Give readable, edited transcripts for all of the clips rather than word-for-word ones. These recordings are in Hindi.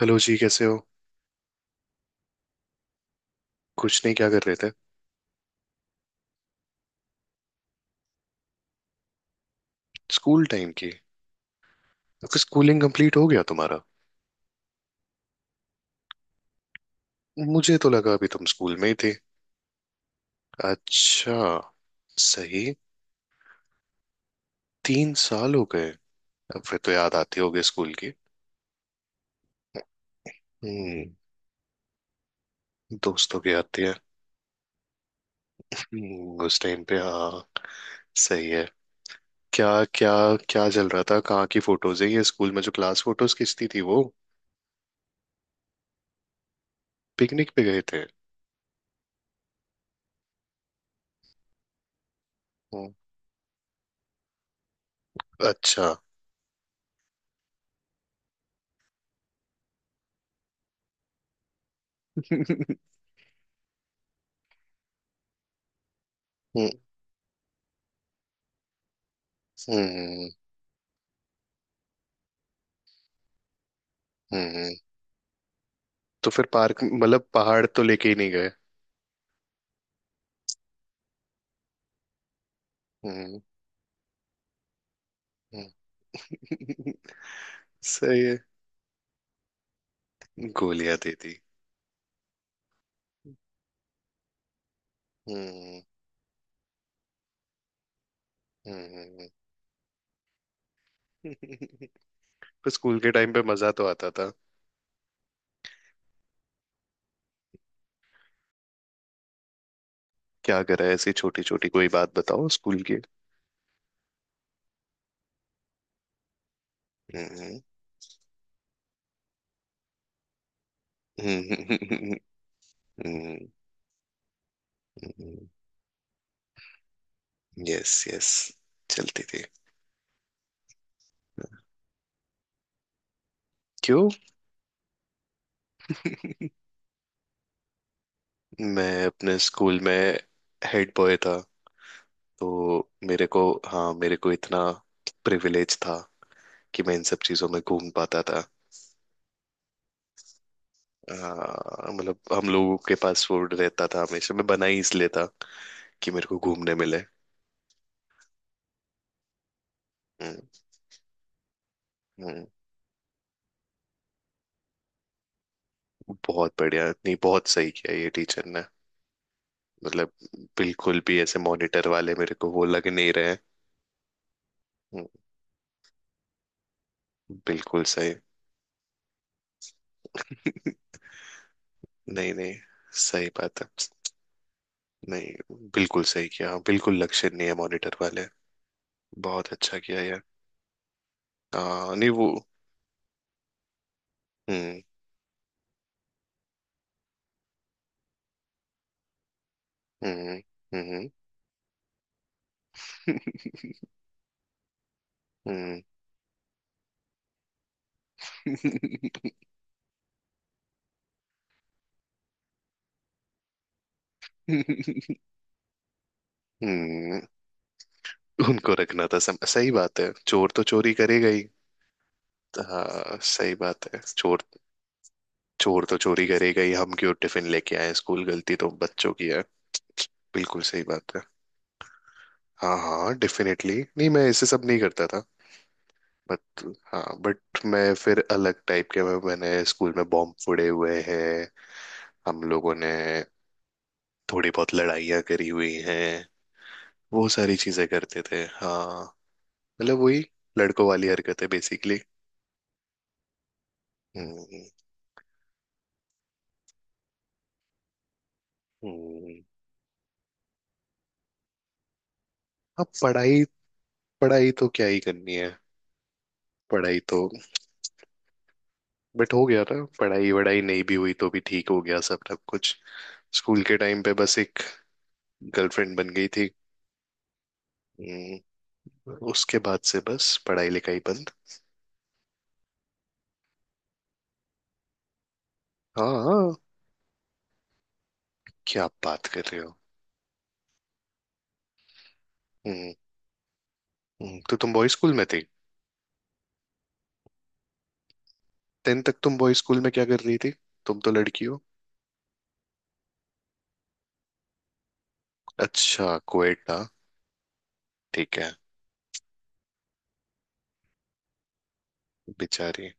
हेलो जी, कैसे हो। कुछ नहीं, क्या कर रहे थे। स्कूल टाइम की। आपकी स्कूलिंग कंप्लीट हो गया तुम्हारा। मुझे तो लगा अभी तुम स्कूल में ही थे। अच्छा। सही। 3 साल हो गए। अब फिर तो याद आती होगी स्कूल की। हम्म। दोस्तों की आती है। उस टाइम पे हाँ। सही है। क्या। क्या। क्या चल रहा था, कहाँ की फोटोज है ये। स्कूल में जो क्लास फोटोज खींचती थी वो। पिकनिक पे गए थे। हम्म, अच्छा। हम्म। हम्म। हम्म, तो फिर पार्क मतलब पहाड़ तो लेके ही नहीं गए। हम्म। हम्म। सही है। गोलियां दे दी। हम्म। हम्म। पर स्कूल के टाइम पे मजा तो आता था। क्या करा है, ऐसी छोटी छोटी कोई बात बताओ स्कूल की। हम्म, हम्म, हम्म। यस यस, चलती थी। क्यों। मैं अपने स्कूल में हेड बॉय था, तो मेरे को, हाँ, मेरे को इतना प्रिविलेज था कि मैं इन सब चीजों में घूम पाता था। हाँ, मतलब हम लोगों के पास फूड रहता था हमेशा, मैं बना ही इसलिए था कि मेरे को घूमने मिले। हम्म। हम्म। बहुत बढ़िया, नहीं बहुत सही किया ये टीचर ने। मतलब बिल्कुल भी ऐसे मॉनिटर वाले मेरे को वो लग नहीं रहे। हम्म, बिल्कुल सही। नहीं नहीं, सही बात है, नहीं बिल्कुल सही किया। हाँ, बिल्कुल लक्षण नहीं है मॉनिटर वाले। बहुत अच्छा किया यार। हाँ नहीं वो, हम्म, हम्म, हम्म, हम्म, हम्म, उनको रखना था सही बात है, चोर तो चोरी करेगा ही। हाँ सही बात है, चोर, चोर तो चोरी करेगा ही, हम क्यों टिफिन लेके आए स्कूल, गलती तो बच्चों की है। बिल्कुल सही बात है। हाँ हाँ डेफिनेटली, नहीं मैं ऐसे सब नहीं करता था। बट, हाँ बट, मैं फिर अलग टाइप के मैंने स्कूल में बॉम्ब फोड़े हुए हैं, हम लोगों ने। थोड़ी बहुत लड़ाइयाँ करी हुई हैं, वो सारी चीजें करते थे हाँ। मतलब वही लड़कों वाली हरकतें बेसिकली। हम्म। हम्म। अब पढ़ाई, पढ़ाई तो क्या ही करनी है। पढ़ाई तो, बट हो गया ना, पढ़ाई वढ़ाई नहीं भी हुई तो भी ठीक, हो गया सब सब कुछ। स्कूल के टाइम पे बस एक गर्लफ्रेंड बन गई थी। हम्म, उसके बाद से बस पढ़ाई लिखाई बंद। हाँ हाँ, क्या आप बात कर रहे हो। हम्म। तो तुम बॉय स्कूल में थी। 10th तक तुम बॉय स्कूल में क्या कर रही थी, तुम तो लड़की हो। अच्छा कोएटा, ठीक है। बेचारी।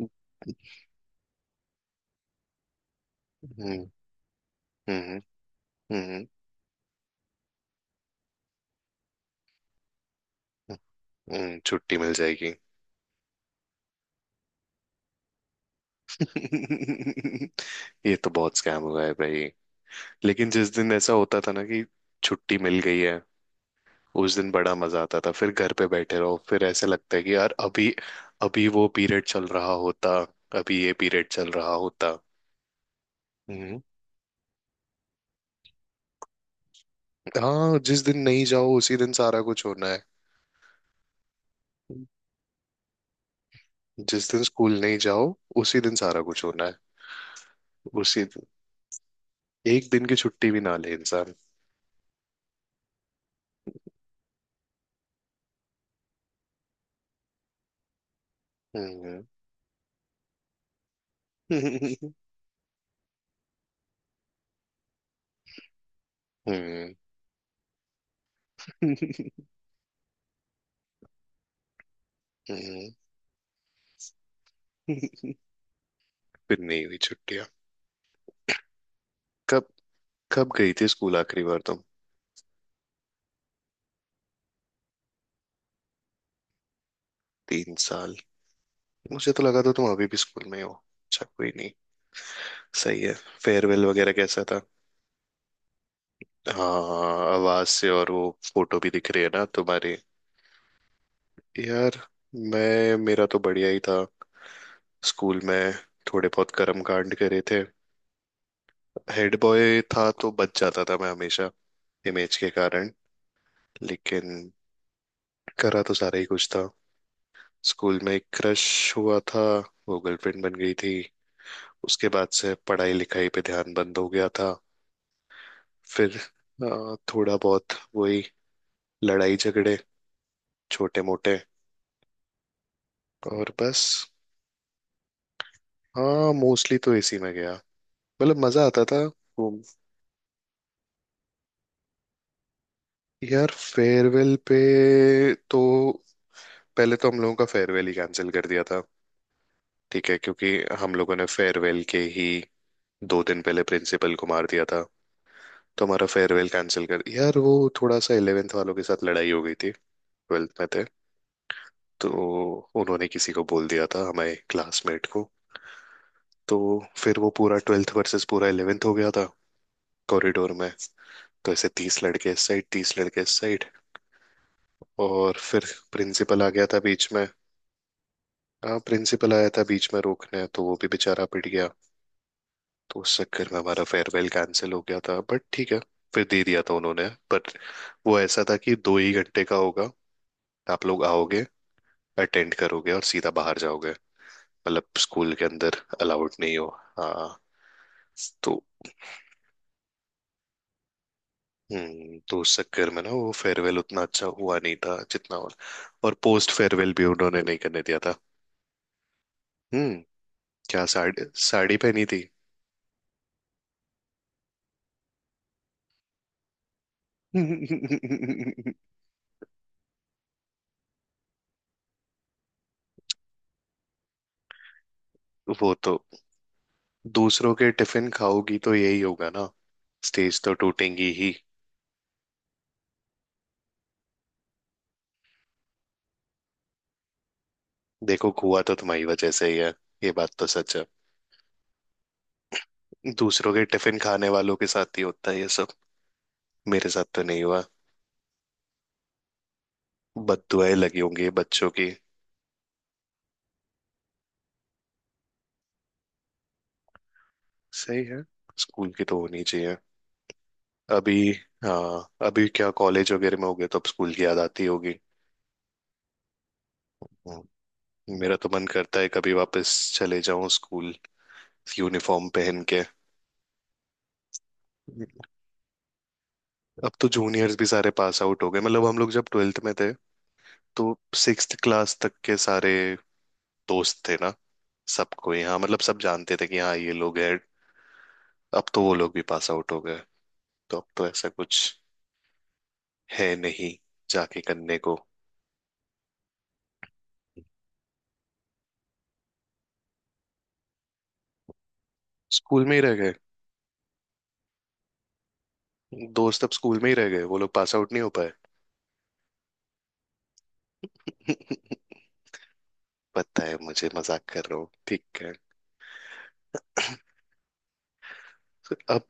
हम्म। हम्म। हम्म। हम्म, छुट्टी मिल जाएगी। ये तो बहुत स्कैम हुआ है भाई। लेकिन जिस दिन ऐसा होता था ना कि छुट्टी मिल गई है, उस दिन बड़ा मजा आता था, फिर घर पे बैठे रहो, फिर ऐसे लगता है कि यार अभी, अभी वो पीरियड चल रहा होता, अभी ये पीरियड चल रहा होता। हम्म। हाँ, जिस दिन नहीं जाओ उसी दिन सारा कुछ होना है। जिस दिन स्कूल नहीं जाओ उसी दिन सारा कुछ होना है। उसी दिन। एक दिन की छुट्टी भी ना ले इंसान। हम्म। हम्म। हम्म। हम्म। फिर नहीं हुई छुट्टियां। कब, कब गई थी स्कूल आखिरी बार तुम। 3 साल। मुझे तो लगा था तुम अभी भी स्कूल में ही हो। अच्छा, कोई नहीं। सही है। फेयरवेल वगैरह कैसा था। हाँ, आवाज से, और वो फोटो भी दिख रही है ना तुम्हारी। यार, मैं, मेरा तो बढ़िया ही था स्कूल में। थोड़े बहुत कर्म कांड करे थे, हेड बॉय था तो बच जाता था मैं हमेशा, इमेज के कारण। लेकिन करा तो सारा ही कुछ था। स्कूल में एक क्रश हुआ था, वो गर्लफ्रेंड बन गई थी। उसके बाद से पढ़ाई लिखाई पे ध्यान बंद हो गया था। फिर थोड़ा बहुत वही लड़ाई झगड़े, छोटे मोटे, और बस। हाँ मोस्टली तो इसी में गया। मतलब मजा आता था घूम। यार फेयरवेल पे तो, पहले तो हम लोगों का फेयरवेल ही कैंसिल कर दिया था। ठीक है, क्योंकि हम लोगों ने फेयरवेल के ही 2 दिन पहले प्रिंसिपल को मार दिया था, तो हमारा फेयरवेल कैंसिल कर। यार वो, थोड़ा सा 11th वालों के साथ लड़ाई हो गई थी, 12th में थे तो। उन्होंने किसी को बोल दिया था हमारे क्लासमेट को, तो फिर वो पूरा 12th वर्सेस पूरा 11th हो गया था कॉरिडोर में। तो ऐसे 30 लड़के इस साइड, 30 लड़के इस साइड, और फिर प्रिंसिपल आ गया था बीच में। हाँ प्रिंसिपल आया था बीच में रोकने, तो वो भी बेचारा पिट गया। तो उस चक्कर में हमारा फेयरवेल कैंसिल हो गया था, बट ठीक है, फिर दे दिया था उन्होंने। बट वो ऐसा था कि दो ही घंटे का होगा, आप लोग आओगे, अटेंड करोगे और सीधा बाहर जाओगे। मतलब स्कूल के अंदर अलाउड नहीं हो, हाँ। तो, हम्म, तो उस चक्कर में ना वो फेयरवेल उतना अच्छा हुआ नहीं था जितना, और पोस्ट फेयरवेल भी उन्होंने नहीं करने दिया था। हम्म, क्या साड़ी साड़ी पहनी थी। वो तो, दूसरों के टिफिन खाओगी तो यही होगा ना, स्टेज तो टूटेंगी ही। देखो हुआ तो तुम्हारी वजह से ही है। ये बात तो सच है, दूसरों के टिफिन खाने वालों के साथ ही होता है ये सब। मेरे साथ तो नहीं हुआ। बददुआएं लगी होंगी बच्चों की। सही है, स्कूल की तो होनी चाहिए। अभी, हाँ अभी क्या, कॉलेज वगैरह में हो गए तो अब स्कूल की याद आती होगी। हम्म, मेरा तो मन करता है कभी वापस चले जाऊं स्कूल, यूनिफॉर्म पहन के। अब तो जूनियर्स भी सारे पास आउट हो गए। मतलब हम लोग जब 12th में थे, तो सिक्स्थ क्लास तक के सारे दोस्त थे ना, सबको यहाँ, मतलब सब जानते थे कि हाँ ये लोग हैं। अब तो वो लोग भी पास आउट हो गए, तो अब तो ऐसा कुछ है नहीं जाके करने को। स्कूल में ही रह गए। दोस्त अब स्कूल में ही रह गए, वो लोग पास आउट नहीं हो पाए। पता है मुझे, मजाक कर रहा हूँ, ठीक है। अब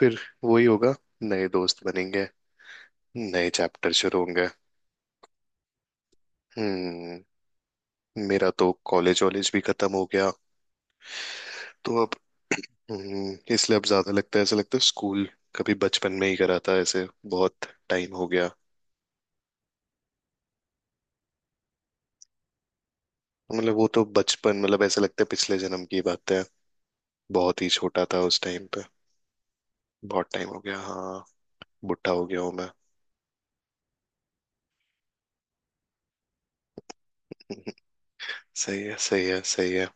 फिर वही होगा, नए दोस्त बनेंगे, नए चैप्टर शुरू होंगे। हम्म, मेरा तो कॉलेज वॉलेज भी खत्म हो गया, तो अब, इसलिए अब ज्यादा लगता है, ऐसा लगता है स्कूल कभी बचपन में ही करा था ऐसे, बहुत टाइम हो गया। मतलब वो तो बचपन, मतलब ऐसा लगता है पिछले जन्म की बात है, बहुत ही छोटा था उस टाइम पे। बहुत टाइम हो गया हाँ, बुढ़ा हो गया हूँ मैं। सही है सही है सही है।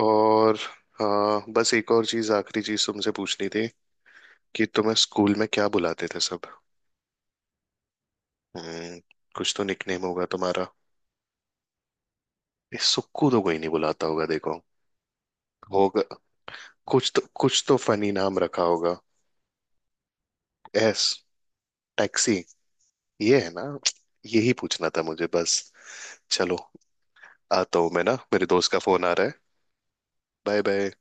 और हाँ, बस एक और चीज आखिरी चीज तुमसे पूछनी थी, कि तुम्हें स्कूल में क्या बुलाते थे सब। हम्म, कुछ तो निकनेम होगा तुम्हारा। इस सुक्कू तो कोई नहीं बुलाता होगा, देखो होगा, कुछ तो, कुछ तो फनी नाम रखा होगा। एस, टैक्सी, ये है ना, यही पूछना था मुझे बस। चलो, आता हूँ मैं ना, मेरे दोस्त का फोन आ रहा है। Bye bye.